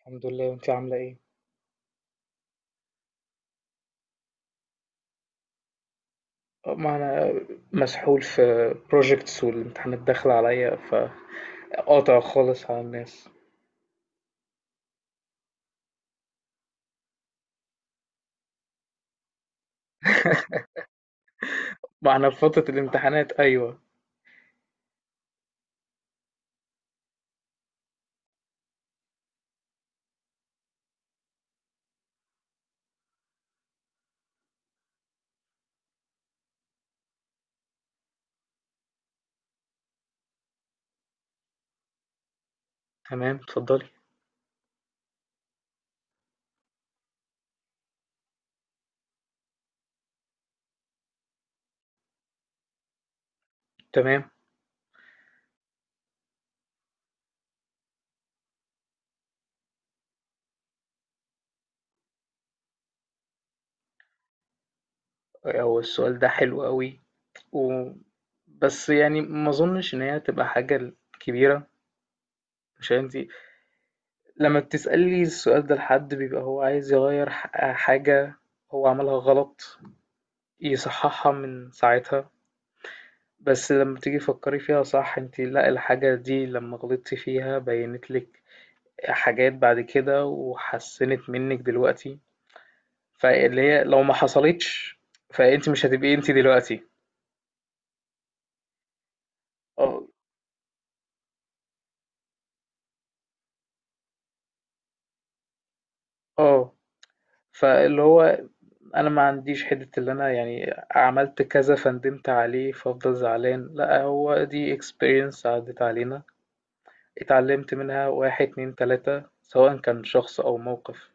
الحمد لله انت عامله ايه. ما انا مسحول في projects والامتحانات داخله عليا، فقاطع خالص على الناس. ما انا في فتره الامتحانات، ايوه. تمام اتفضلي. تمام. هو السؤال ده حلو قوي، و... بس يعني ما اظنش ان هي تبقى حاجه كبيره. مش انتي لما بتسألي السؤال ده لحد بيبقى هو عايز يغير حاجه هو عملها غلط، يصححها من ساعتها. بس لمّا تيجي تفكّري فيها صح، أنتِ لأ، الحاجة دي لمّا غلطتِ فيها بيّنت لِك حاجات بعد كده وحسّنت منِّك دلوقتي، فاللي هي لو ما حصلتش فأنتِ مش هتبقي أنتِ دلوقتي. آه، آه، فاللي هو أنا ما عنديش حِتّة اللي أنا يعني عملت كذا فندمت عليه فافضل زعلان، لأ، هو دي experience عدّت علينا، اتعلّمت منها 1، 2، 3 سواء كان شخص أو موقف،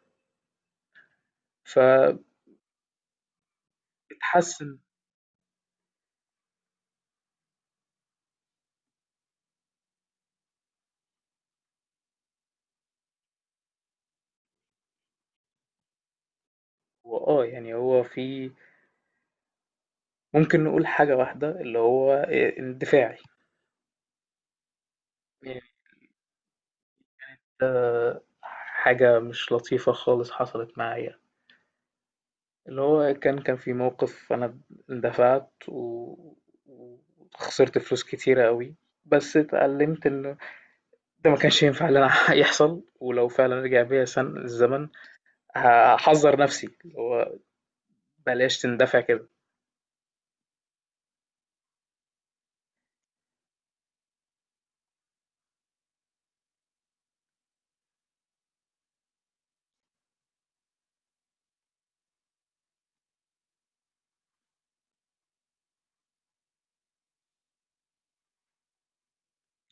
فبتحسّن. يعني هو في، ممكن نقول حاجة واحدة اللي هو الدفاعي، يعني. ده حاجة مش لطيفة خالص حصلت معايا، اللي هو كان في موقف، أنا دفعت وخسرت فلوس كتيرة أوي، بس اتعلمت إنه ده ما كانش ينفع اللي أنا يحصل، ولو فعلًا رجع بيا سن الزمن هاحذّر نفسي، اللي هو بلاش تندفع كده.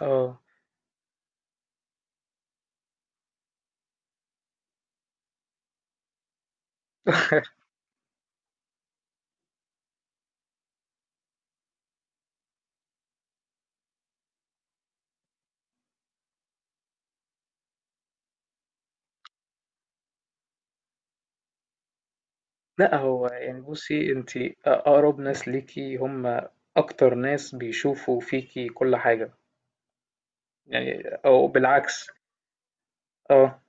آه. لأ، هو يعني بُصّي، أنتِ أقرب ناس ليكِ هم أكتر ناس بيشوفوا فيكِ كل حاجة، يعني أو بالعكس. آه،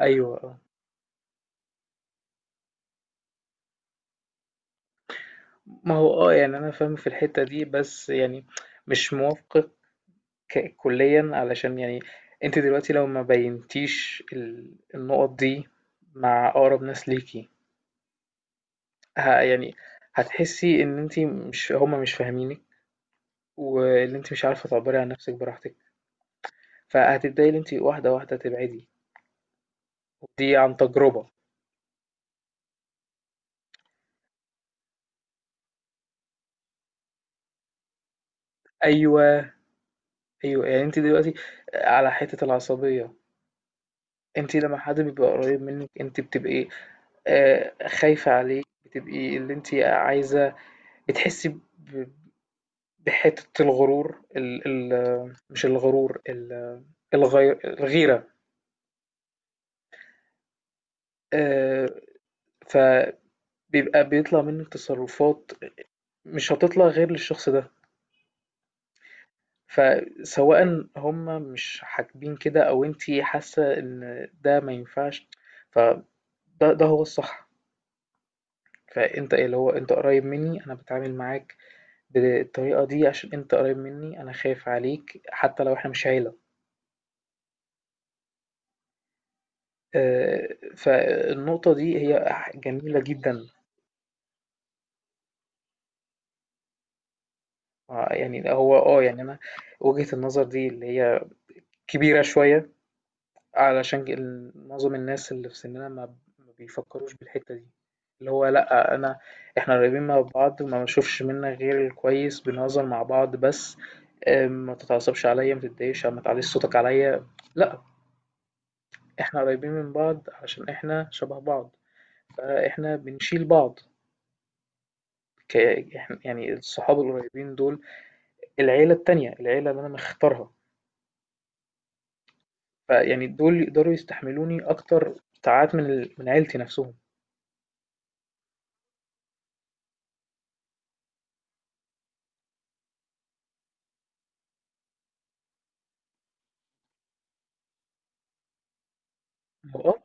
أيوه. ما هو يعني أنا فاهم في الحتّة دي، بس يعني مش موافقِك كُلّيًا، علشان يعني أنتِ دلوقتي لو ما بيّنتيش النُقط دي مع أقرب ناس ليكِ، يعني هتحسّي إن أنتِ مش، هم مش فاهمينِك، وإن أنتِ مش عارفة تعبّري عن نَفْسِك براحتك، فهتبدئي إن أنتِ واحدة، واحدة تبعدي. دي عن تجربة. أيوه، أيوه، يعني أنتِ دلوقتي على حتّة العصبية، أنتِ لمّا حد بيبقى قريّب منِّك أنتِ بتبقي خايفة عليه، بتبقي اللي أنتِ عايزة، بتحسّي ب بحتّة الغرور، ال ال مش الغرور ال الغي الغيرة. آآ، فبيبقى بيطلع منِّك تصرّفات مش هتطلع غير للشخص ده. فسواء هم مش حاكبين كده أو أنتِ حاسة إن ده ما ينفعش، فده ده هو الصح. فأنت ايه، اللي هو أنت قريب منّي، أنا باتعامل معاك بالطريقة دي عشان أنت قريب منّي، أنا خايف عليك حتى لو إحنا مش عيلة. آآ فالنقطة دي هي جميلة جدًا. آه يعني هو آه يعني أنا وجهة النظر دي اللي هي كبيرة شوية، علشان معظم الناس اللي في سننا ما بيفكروش بالحتة دي. اللي هو لأ، أنا، إحنا قريبين من بعض ما بنشوفش منك غير الكويس، بنهزر مع بعض بس. ما تتعصبش عليا، ما تتضايقش، ما تعليش صوتك عليا. لأ، إحنا قريبين من بعض عشان إحنا شبه بعض، فإحنا بنشيل بعض. ك- يعني الصحاب القريبين دول، العيلة التانية، العيلة اللي أنا مختارها، فيعني دول يقدروا يستحملوني أكتر ساعات من من عيلتي نفسهم. اه.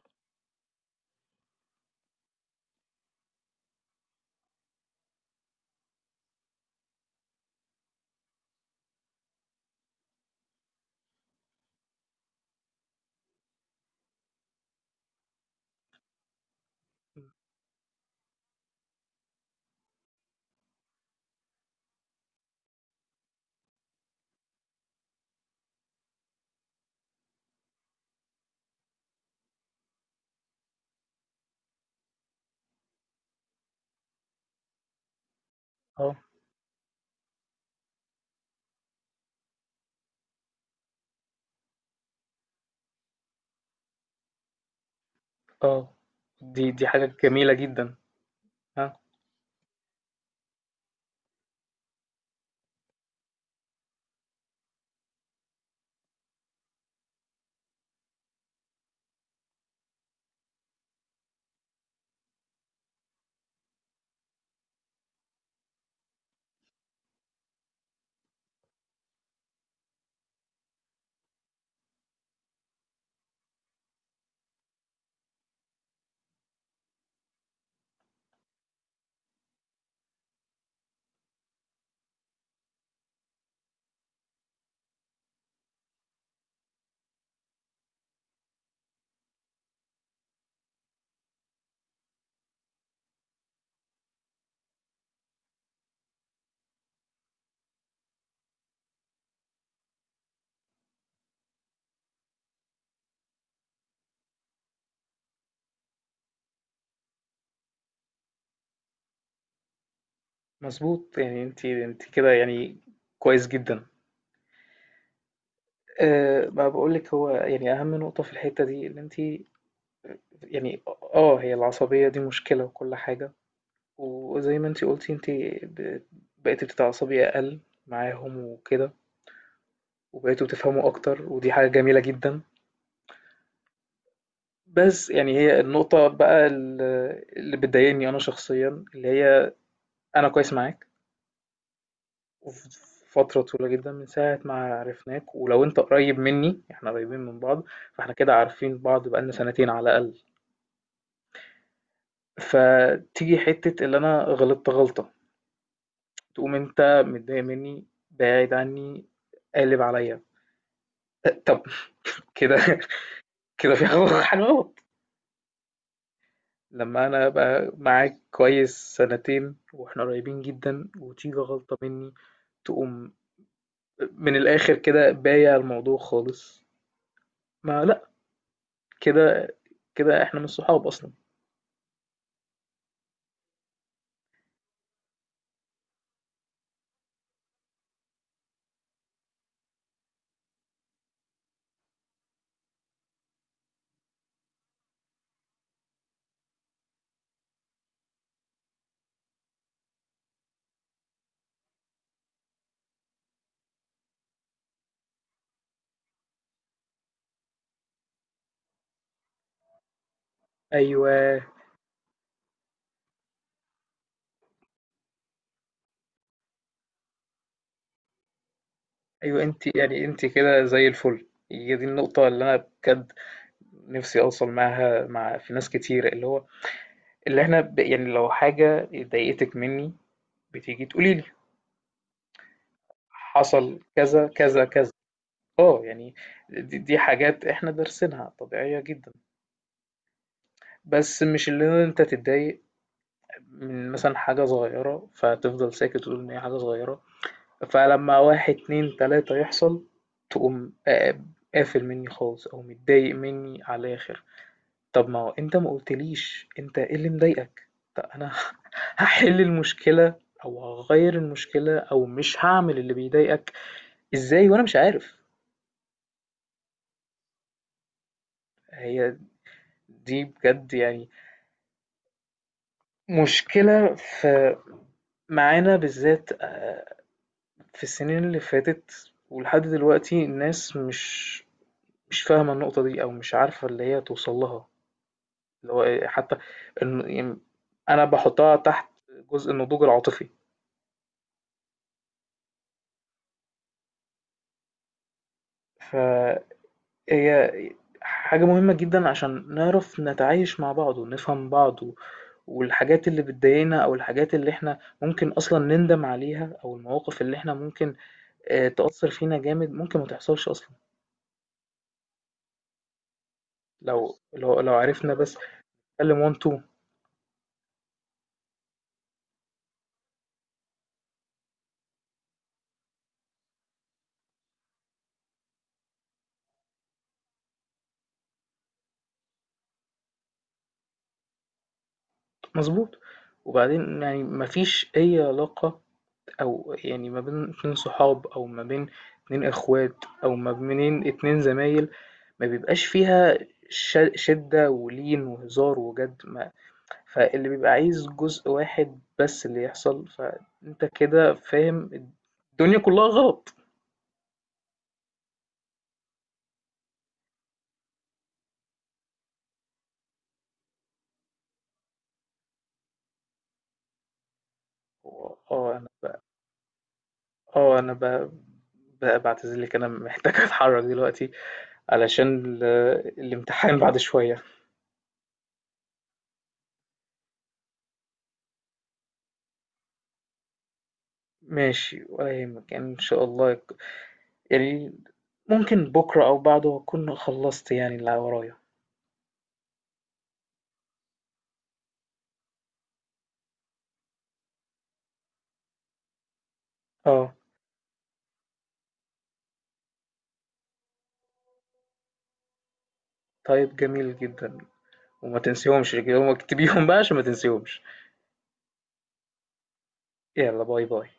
اه. آه، دي حاجة جميلة جدًا. آه. مضبوط، يعني أنتِ، أنتِ كده يعني كويس جدًا. ما باقول لِك، هو يعني أهم نقطة في الحتة دي إن أنتِ يعني، هي العصبية دي مشكلة وكل حاجة، وزي ما أنتِ قلتِ أنتِ ب بقيتِ بتتعصبي أقل معاهم وكده، وبقيتوا بتفهموا أكتر، ودي حاجة جميلة جدًا. بس يعني هي النقطة بقى اللي بتضايقني أنا شخصيًا اللي هي، أنا كويس معاك فترة طويلة جدا من ساعة ما عرفناك، ولو انت قريب مني احنا قريبين من بعض، فاحنا كده عارفين بعض بقالنا سنتين على الأقل. فتيجي حتة اللي انا غلطت غلطة، تقوم انت متضايق مني، بعيد عني، قالب عليا. طب كده كده في حاجة غلط. لما انا ابقى معاك كويس سنتين واحنا قريبين جدا، وتيجي غلطة مني تقوم من الاخر كده بايع الموضوع خالص، ما لا، كده، كده احنا مش صحاب اصلا. ايوه، ايوه انت يعني انت كده زي الفل. هي دي النقطه اللي انا بجد نفسي اوصل معاها مع في ناس كتير، اللي هو اللي احنا يعني لو حاجه ضايقتك مني بتيجي تقولي لي حصل كذا كذا كذا. اه يعني دي, دي حاجات احنا دارسينها طبيعيه جدا. بس مش اللي انت تتضايق من مثلا حاجه صغيره فتفضل ساكت وتقول ان هي حاجه صغيره، فلما واحد اتنين تلاتة يحصل تقوم قافل مني خالص أو متضايق مني على الآخر. طب ما هو أنت ما قلتليش أنت إيه اللي مضايقك؟ طب أنا هحل المشكلة أو هغير المشكلة أو مش هعمل اللي بيضايقك، إزاي وأنا مش عارف؟ هي دي بجد يعني مشكلة في، معانا بالذات في السنين اللي فاتت ولحد دلوقتي، الناس مش فاهمة النقطة دي أو مش عارفة اللي هي توصل لها، اللي هو إيه، حتى يعني أنا باحطها تحت جزء النضوج العاطفي. فهي حاجة مهمة جدا عشان نعرف نتعايش مع بعض ونفهم بعض والحاجات اللي بتضايقنا أو الحاجات اللي احنا ممكن أصلا نندم عليها، أو المواقف اللي احنا ممكن تأثر فينا جامد ممكن ما تحصلش أصلا لو عرفنا بس نتكلم وان تو. مظبوط. وبعدين يعني مفيش أي علاقة أو يعني ما بين 2 صحاب أو ما بين 2 إخوات أو ما بين 2 زمايل ما بيبقاش فيها شِدّة ولين وهزار وجَد، ما فاللي بيبقى عايز جزء واحد بس اللي يحصل، فأنت كده فاهم الدنيا كلّها غلط. و آه، أنا ب آه، أنا ب ب باعتذر لِك، أنا محتاج أتحرّك دلوقتي علشان الإمتحان بعد شوية. ماشي ولا يهمك، يعني إن شاء الله يعني ممكن بكرة أو بعده أكون خلصت يعني اللي ورايا. اه طيب جميل جدا، وما تنسيهمش كده، وما اكتبيهم بقى عشان ما تنسيهمش. يلا باي باي.